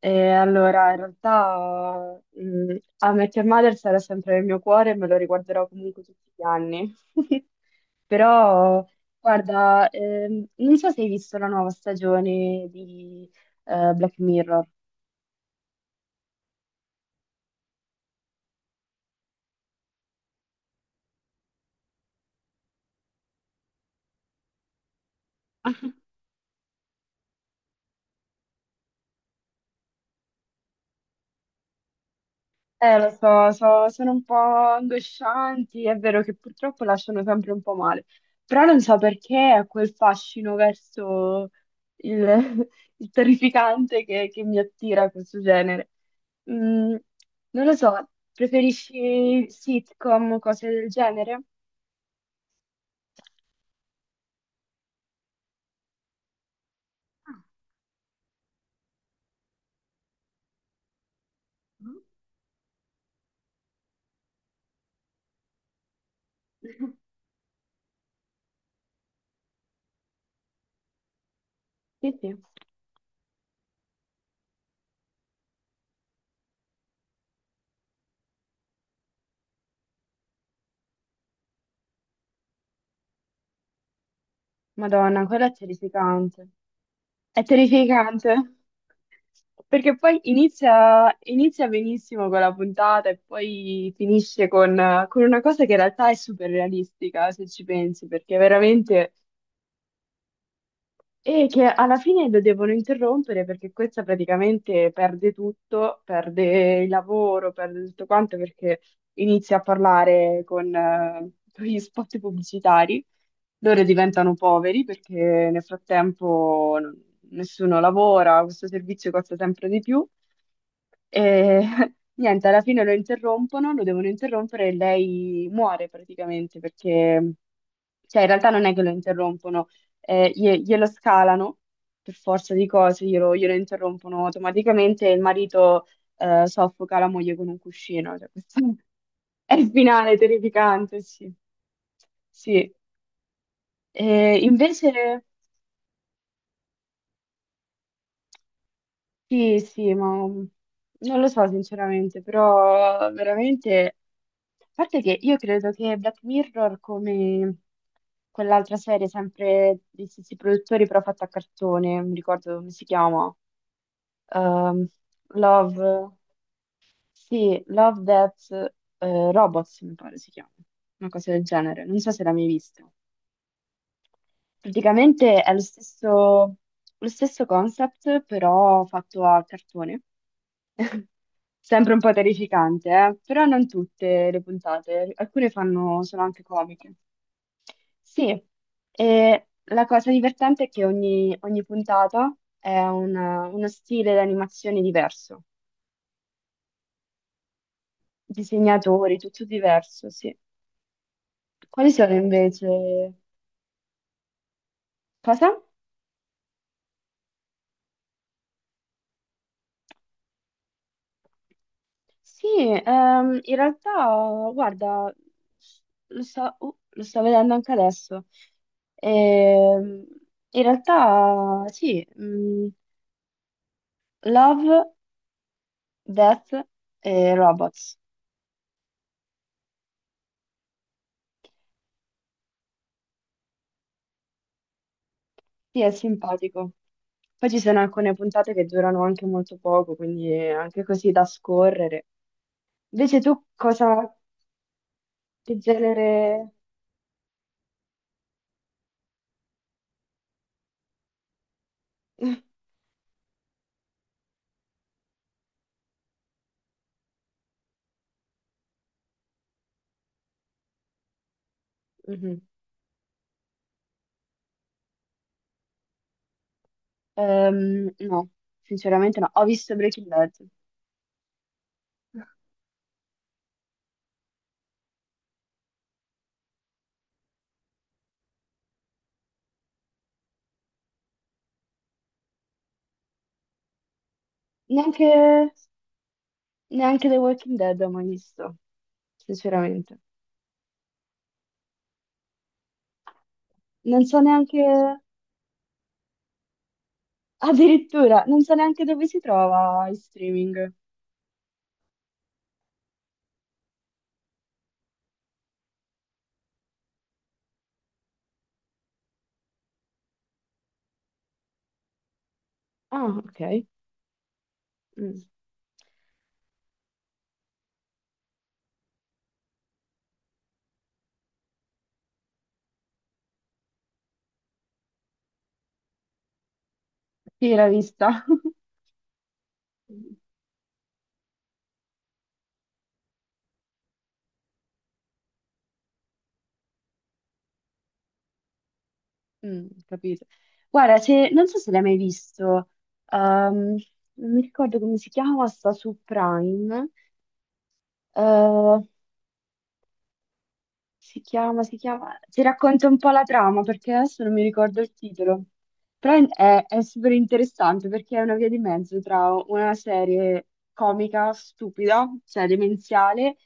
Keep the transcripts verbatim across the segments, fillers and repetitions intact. E allora, in realtà, mh, a Met Your Mother sarà sempre nel mio cuore e me lo riguarderò comunque tutti gli anni. Però, guarda, ehm, non so se hai visto la nuova stagione di eh, Black Mirror. Eh, lo so, so- sono un po' angoscianti. È vero che purtroppo lasciano sempre un po' male, però non so perché ha quel fascino verso il, il terrificante che, che mi attira questo genere. Mm, Non lo so, preferisci sitcom o cose del genere? Sì, sì. Madonna, quella è terrificante. È terrificante. Perché poi inizia, inizia benissimo con la puntata e poi finisce con, con una cosa che in realtà è super realistica, se ci pensi, perché veramente e che alla fine lo devono interrompere perché questa praticamente perde tutto, perde il lavoro, perde tutto quanto perché inizia a parlare con, eh, con gli spot pubblicitari. Loro diventano poveri perché nel frattempo non- nessuno lavora, questo servizio costa sempre di più. E niente, alla fine lo interrompono, lo devono interrompere e lei muore praticamente perché, cioè in realtà non è che lo interrompono eh, glie- glielo scalano per forza di cose, glielo, glielo interrompono automaticamente e il marito eh, soffoca la moglie con un cuscino. Cioè, questo è il finale terrificante, sì. Sì. Eh, invece, sì, sì, ma mm, non lo so sinceramente, però veramente. A parte che io credo che Black Mirror, come quell'altra serie sempre degli stessi produttori però fatta a cartone, non mi ricordo come si chiama. Ehm, Love, sì, Love Death eh, Robots, mi pare si chiama, una cosa del genere, non so se l'hai mai vista. Praticamente è lo stesso, lo stesso concept, però fatto a cartone. Sempre un po' terrificante, eh? Però non tutte le puntate, alcune fanno, sono anche comiche. Sì, e la cosa divertente è che ogni, ogni puntata è una- uno stile di animazione diverso. Disegnatori, tutto diverso, sì. Quali sono invece? Cosa? Sì, ehm, in realtà, guarda, lo sto, uh, lo sto vedendo anche adesso. Ehm, In realtà, sì, mm, Love, Death e Robots. Sì, è simpatico. Poi ci sono alcune puntate che durano anche molto poco, quindi è anche così da scorrere. Invece tu cosa, che genere. Mhm. Ehm, no, sinceramente no. Ho visto Breaking Bad. Neanche, neanche The Walking Dead ho mai visto, sinceramente. Non so neanche, addirittura, non so neanche dove si trova in streaming. Ah, ok. Mm. Sì, l'ho vista. Mm, capito. Guarda, se, non so se l'hai mai visto, ehm, non mi ricordo come si chiama, sta su Prime. Eh, Si chiama, si chiama... Ti racconto un po' la trama perché adesso non mi ricordo il titolo. Però è, è super interessante perché è una via di mezzo tra una serie comica stupida, cioè demenziale,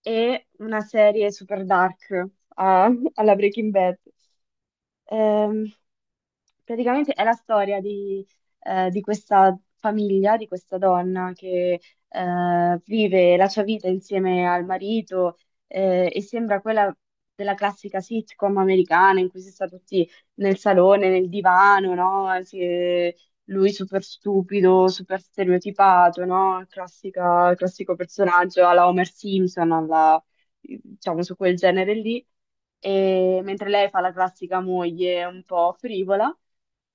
e una serie super dark a- alla Breaking Bad. Ehm, praticamente è la storia di, eh, di questa famiglia, di questa donna che eh, vive la sua vita insieme al marito eh, e sembra quella della classica sitcom americana in cui si sta tutti nel salone, nel divano, no? Si- lui super stupido, super stereotipato, no? Classica- classico personaggio alla Homer Simpson, alla, diciamo su quel genere lì e- mentre lei fa la classica moglie un po' frivola,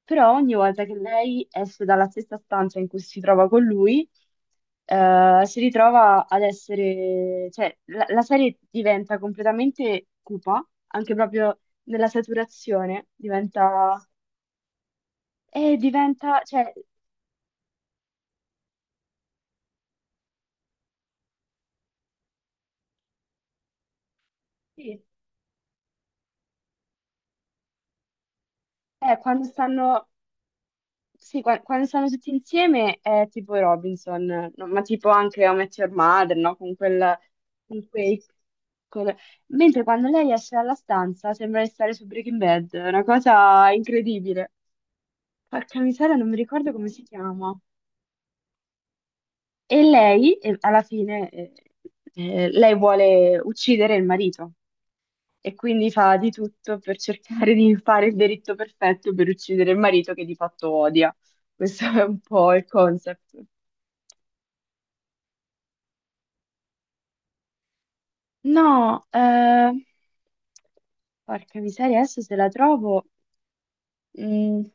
però ogni volta che lei esce dalla stessa stanza in cui si trova con lui, eh, si ritrova ad essere, cioè la, la serie diventa completamente cupa, anche proprio nella saturazione, diventa, e diventa, cioè, sì, eh, quando stanno. Sì, qua- quando stanno tutti insieme è tipo i Robinson, no? Ma tipo anche How I Met Your Mother, no? Con quel, con quei. col- Mentre quando lei esce dalla stanza sembra di stare su Breaking Bad, è una cosa incredibile. Porca miseria, non mi ricordo come si chiama. E lei, eh, alla fine, eh, eh, lei vuole uccidere il marito e quindi fa di tutto per cercare di fare il delitto perfetto per uccidere il marito che di fatto odia. Questo è un po' il concept. No, eh, porca miseria, adesso se la trovo. Mm,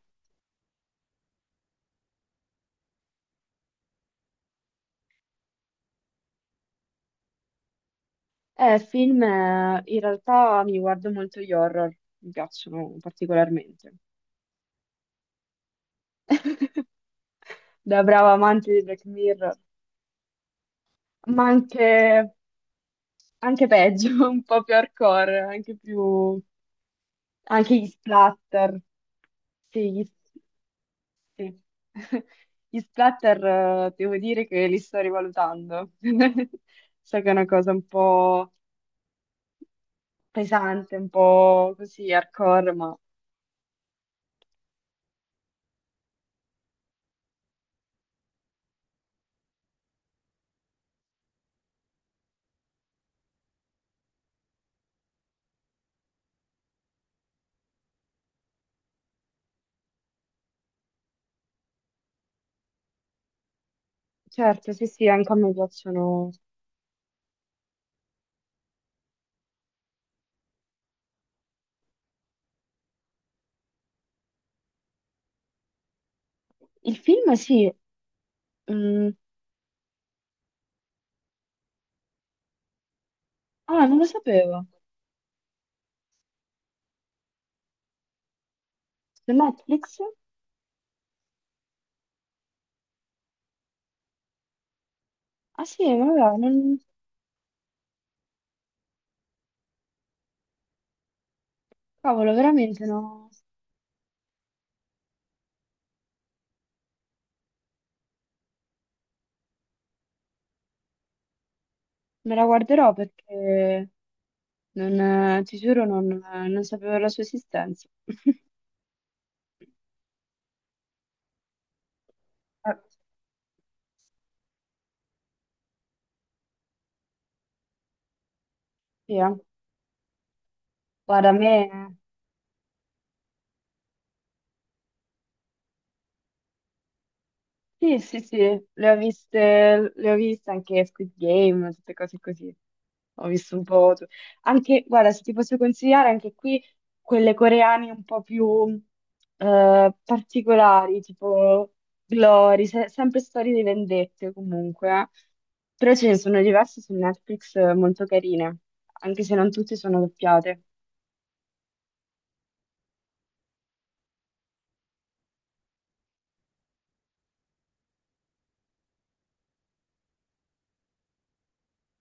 eh, film, eh, in realtà mi guardo molto gli horror, mi piacciono particolarmente. Da brava amante di Black Mirror, ma anche, anche peggio, un po' più hardcore, anche più. Anche gli splatter. Sì, gli- Sì. Gli splatter, eh, devo dire che li sto rivalutando. So che è una cosa un po' pesante, un po' così hardcore, ma certo, sì, sì, anche a me piacciono. Il film, sì. Mm. Ah, non lo sapevo. Su Netflix? Ah, sì, vabbè, non. Cavolo, veramente no. Me la guarderò perché non, eh, ti giuro, non, non sapevo la sua esistenza. Eh, Sì, eh. Guarda, a me. Sì, sì, sì, le ho viste, le ho viste anche Squid Game, tutte cose così. Ho visto un po'. tu- Anche, guarda, se ti posso consigliare, anche qui quelle coreane un po' più eh, particolari, tipo Glory, se- sempre storie di vendette comunque. eh. Però ce ne sono diverse su Netflix eh, molto carine, anche se non tutte sono doppiate.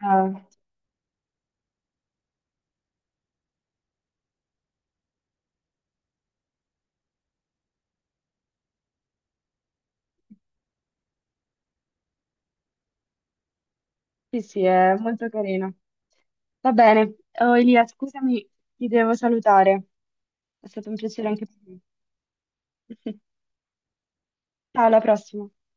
Eh, Sì, sì, è molto carino. Va bene. Oh, Elia, scusami, ti devo salutare. È stato un piacere anche per me. Ciao, alla prossima.